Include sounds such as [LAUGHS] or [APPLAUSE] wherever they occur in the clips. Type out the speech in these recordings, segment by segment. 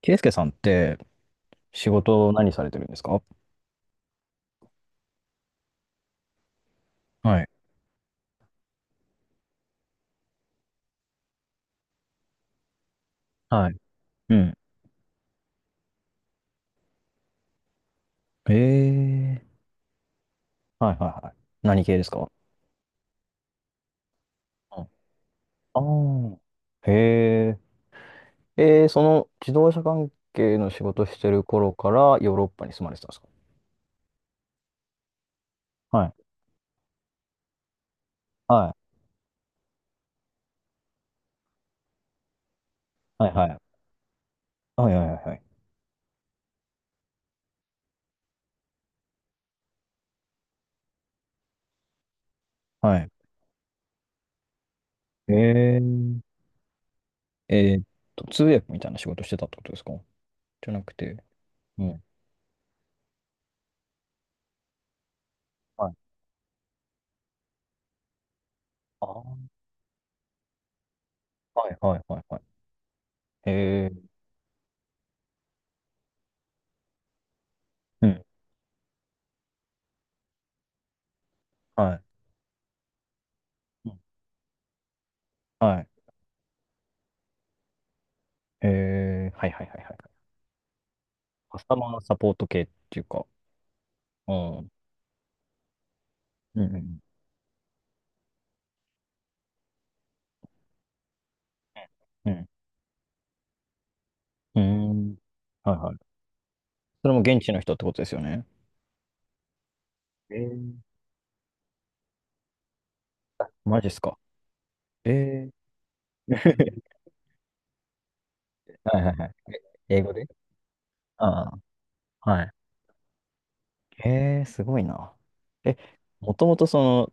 ケイスケさんって、仕事何されてるんですか？はい。はい。うん。ええー、はいはいはい。何系ですか？あ、ああー。へえ。ええ、その自動車関係の仕事してる頃からヨーロッパに住まれてたんですか？はい。はい。はいはい。はいはいはいはい。はい。え、え、えーっ通訳みたいな仕事してたってことですか？じゃなくて。うん。はい。ああ。はいはいはいはい。ええ。うん。はい。うん、はい。えー、はいはいはいはい。カスタマーサポート系っていうか、うん。うん、うん、うん。うん。はいはい。それも現地の人ってことですよね。えー、マジっすか。えー、[LAUGHS] はいはいはい。え、英語で、ああ、はい。えー、すごいな。え、もともとその、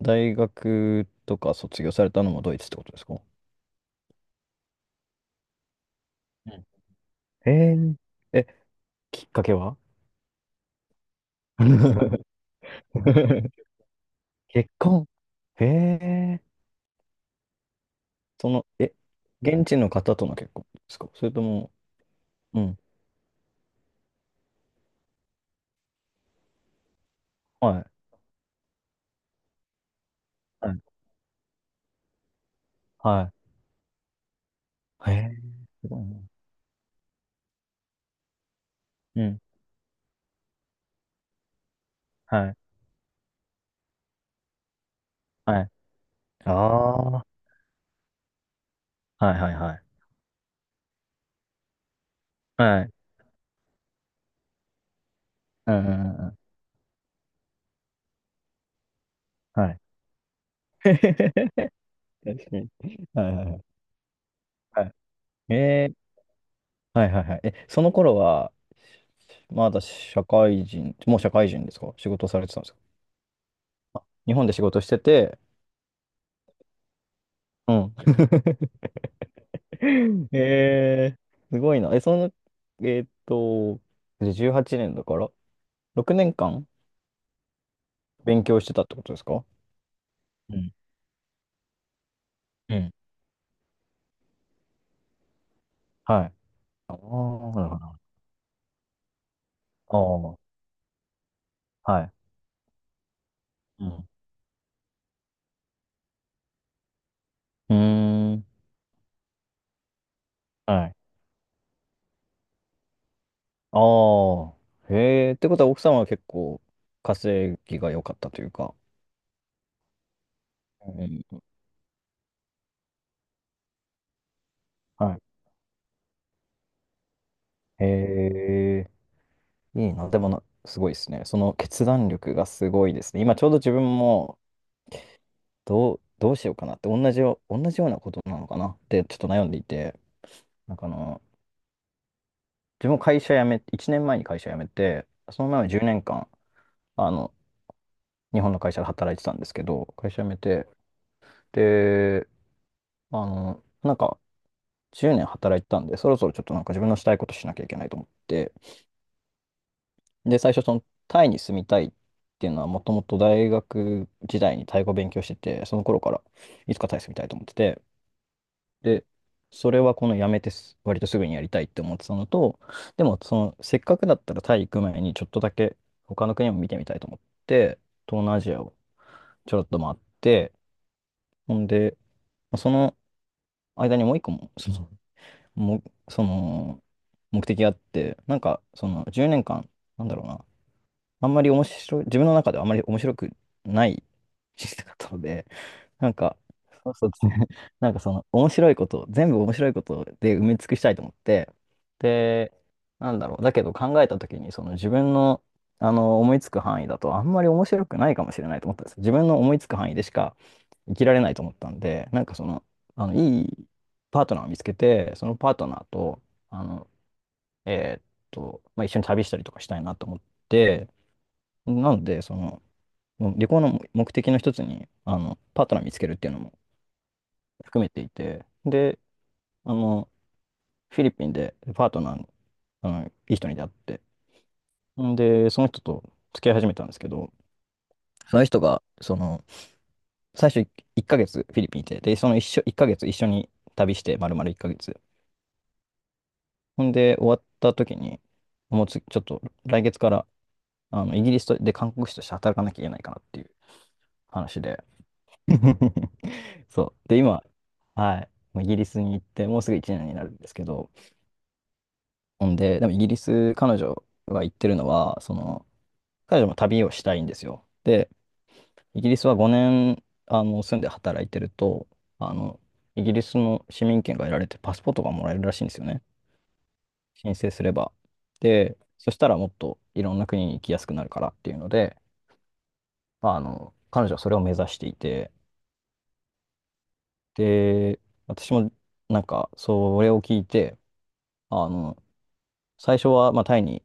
大学とか卒業されたのもドイツってことですか？うん、えー、え、きっかけは？ [LAUGHS] 結婚。へえ、その、え、現地の方との結婚ですか？それとも、うん。はい。はい。はい。へえ、すごいね。うん。はい。はい。ああ。はいはいはい。はい。うんうんうんうん。はい。[LAUGHS] 確かに。はいはいはい。はい。えー、はいはいはい。え、その頃は、まだ社会人、もう社会人ですか、仕事されてたんですか？あ、日本で仕事してて、うん。[LAUGHS] えー、すごいな。え、その、えーっと、18年だから、6年間勉強してたってことですか？うんうん。はい。ああ、なるほど。ああ、はい。うん。うーん。はい。ああ。へえ、ってことは奥様は結構稼ぎが良かったというか。うん。はい。へえ、いいな。でもな、すごいですね。その決断力がすごいですね。今ちょうど自分もどうしようかなって、同じようなことなのかなってちょっと悩んでいて、なんかあの、自分も会社辞め、1年前に会社辞めて、その前は10年間、あの、日本の会社で働いてたんですけど、会社辞めて、で、あの、なんか、10年働いてたんで、そろそろちょっとなんか自分のしたいことしなきゃいけないと思って、で、最初、その、タイに住みたいっていうのは、もともと大学時代にタイ語勉強してて、その頃からいつかタイ住みたいと思ってて、で、それはこの辞めてす割とすぐにやりたいって思ってたのと、でも、その、せっかくだったらタイ行く前に、ちょっとだけ他の国も見てみたいと思って、東南アジアをちょろっと回って、ほんで、その、間にもう一個も、その、もうその目的があって、なんか、その10年間、なんだろうな、あんまり面白い、自分の中ではあんまり面白くない人生だったので、[LAUGHS] なんか、そうそうですね。[LAUGHS] なんかその面白いこと、全部面白いことで埋め尽くしたいと思って、で、なんだろう、だけど考えた時に、その自分の、あの思いつく範囲だとあんまり面白くないかもしれないと思ったんですよ。自分の思いつく範囲でしか生きられないと思ったんで、なんかその、あの、いいパートナーを見つけて、そのパートナーと、あの、えーっまあ、一緒に旅したりとかしたいなと思って、なので、その、もう旅行の目的の一つに、あの、パートナー見つけるっていうのも含めていて、で、あの、フィリピンでパートナーの、あの、いい人に出会って、んで、その人と付き合い始めたんですけど、その人が、その、最初1ヶ月フィリピンいて、で、その一緒、1ヶ月一緒に旅して、丸々1ヶ月。ほんで、終わった時に、もうつ、ちょっと来月から、あの、イギリスで韓国人として働かなきゃいけないかなっていう話で。[LAUGHS] そう。で、今、はい。もうイギリスに行って、もうすぐ1年になるんですけど、ほんで、でもイギリス、彼女が言ってるのは、その、彼女も旅をしたいんですよ。で、イギリスは5年、あの、住んで働いてると、あの、イギリスの市民権が得られて、パスポートがもらえるらしいんですよね。申請すれば。で、そしたらもっといろんな国に行きやすくなるからっていうので、まあ、あの、彼女はそれを目指していて、で、私もなんか、それを聞いて、あの、最初は、まあ、タイに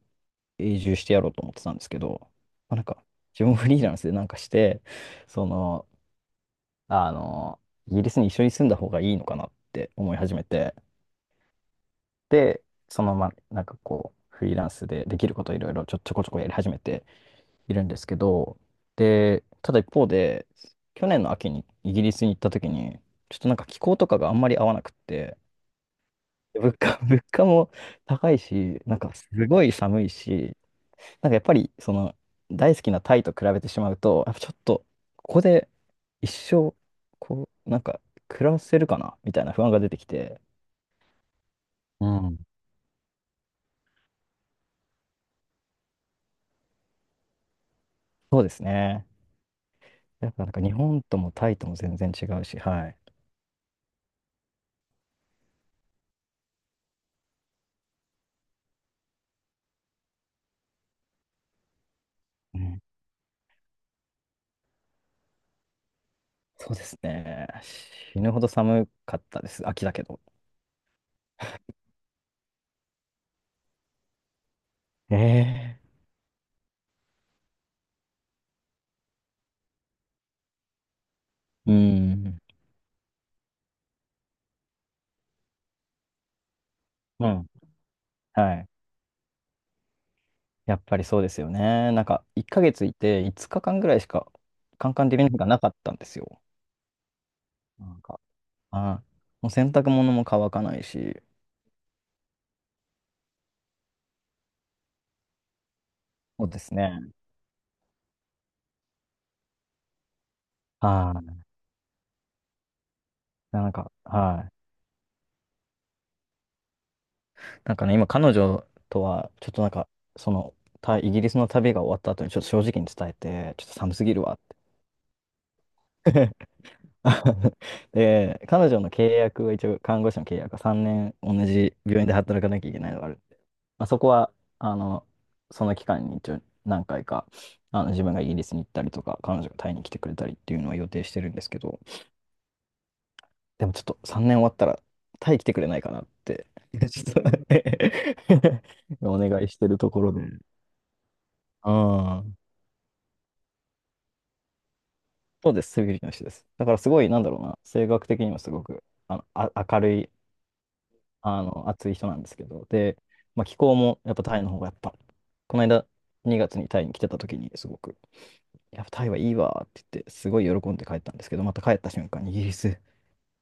永住してやろうと思ってたんですけど、まあ、なんか、自分フリーランスでなんかして、その、あの、イギリスに一緒に住んだ方がいいのかなって思い始めて、で、そのまま、なんかこう、フリーランスでできることいろいろちょこちょこやり始めているんですけど、で、ただ一方で、去年の秋にイギリスに行った時に、ちょっとなんか気候とかがあんまり合わなくって、物価も高いし、なんかすごい寒いし、なんかやっぱり、その、大好きなタイと比べてしまうと、やっぱちょっと、ここで一生、こう、なんか、暮らせるかなみたいな不安が出てきて、うん。そうですね。やっぱなんか日本ともタイとも全然違うし、はい。うん、そうですね。死ぬほど寒かったです。秋だけど。ええ、うん。うん。はい。やっぱりそうですよね。なんか、1ヶ月いて5日間ぐらいしか、カンカン照りの日がなかったんですよ。なんか、はい。もう洗濯物も乾かないし、そうですね。はい。なんか、はい。なんかね、今彼女とは、ちょっとなんか、その、イギリスの旅が終わった後にちょっと正直に伝えて、ちょっと寒すぎるわって。[LAUGHS] で、彼女の契約は一応、看護師の契約は3年同じ病院で働かなきゃいけないのがあるんで、まあ、そこは、あの、その期間に一応何回か、あの、自分がイギリスに行ったりとか、彼女がタイに来てくれたりっていうのは予定してるんですけど、でもちょっと3年終わったら、タイ来てくれないかなって、[LAUGHS] ちょっとね、 [LAUGHS] お願いしてるところで。うん。そうです、セビリティの人です。だからすごい、なんだろうな、性格的にもすごく、あの、あ、明るい、あの、熱い人なんですけど、で、まあ、気候もやっぱタイの方がやっぱ、この間2月にタイに来てた時にすごく、やっぱタイはいいわって言って、すごい喜んで帰ったんですけど、また帰った瞬間にイギリス、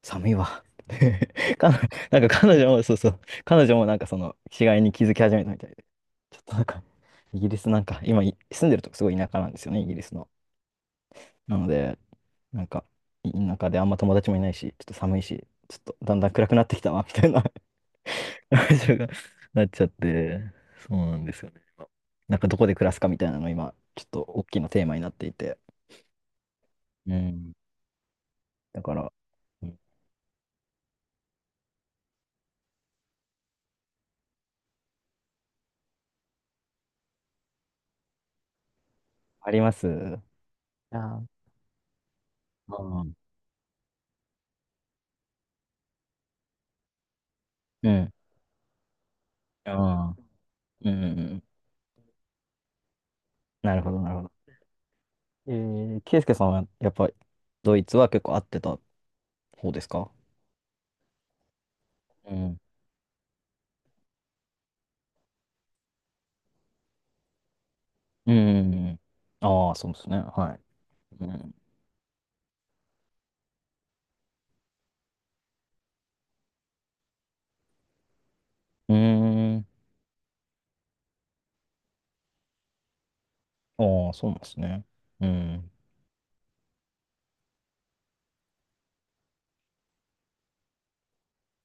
寒いわ。[LAUGHS] かな、なんか彼女も、そうそう、彼女もなんかその違いに気づき始めたみたいで、ちょっとなんか、イギリスなんか、今、住んでるとこすごい田舎なんですよね、イギリスの。なので、なんか、田舎であんま友達もいないし、ちょっと寒いし、ちょっとだんだん暗くなってきたわ、みたいな [LAUGHS] 感情がなっちゃって、そうなんですよね。今なんかどこで暮らすかみたいなの今、ちょっと大きなテーマになっていて。うん。だから、うん、あります。あー、うん。うん。うん。うんうんうん。なるほど、なるほど。えー、ケイスケさんはやっぱりドイツは結構合ってた方ですか？うん。うんうんうん。ああ、そうですね。はい。うん。うーん。ああ、そうなんですね。うん。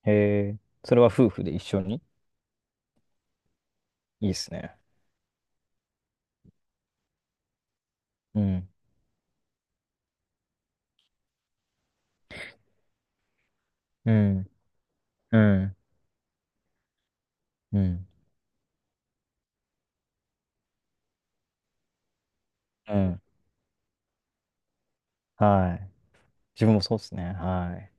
へえ。それは夫婦で一緒に？いいですね。うん。うん。うん。うん。うん。はい。自分もそうですね。はい。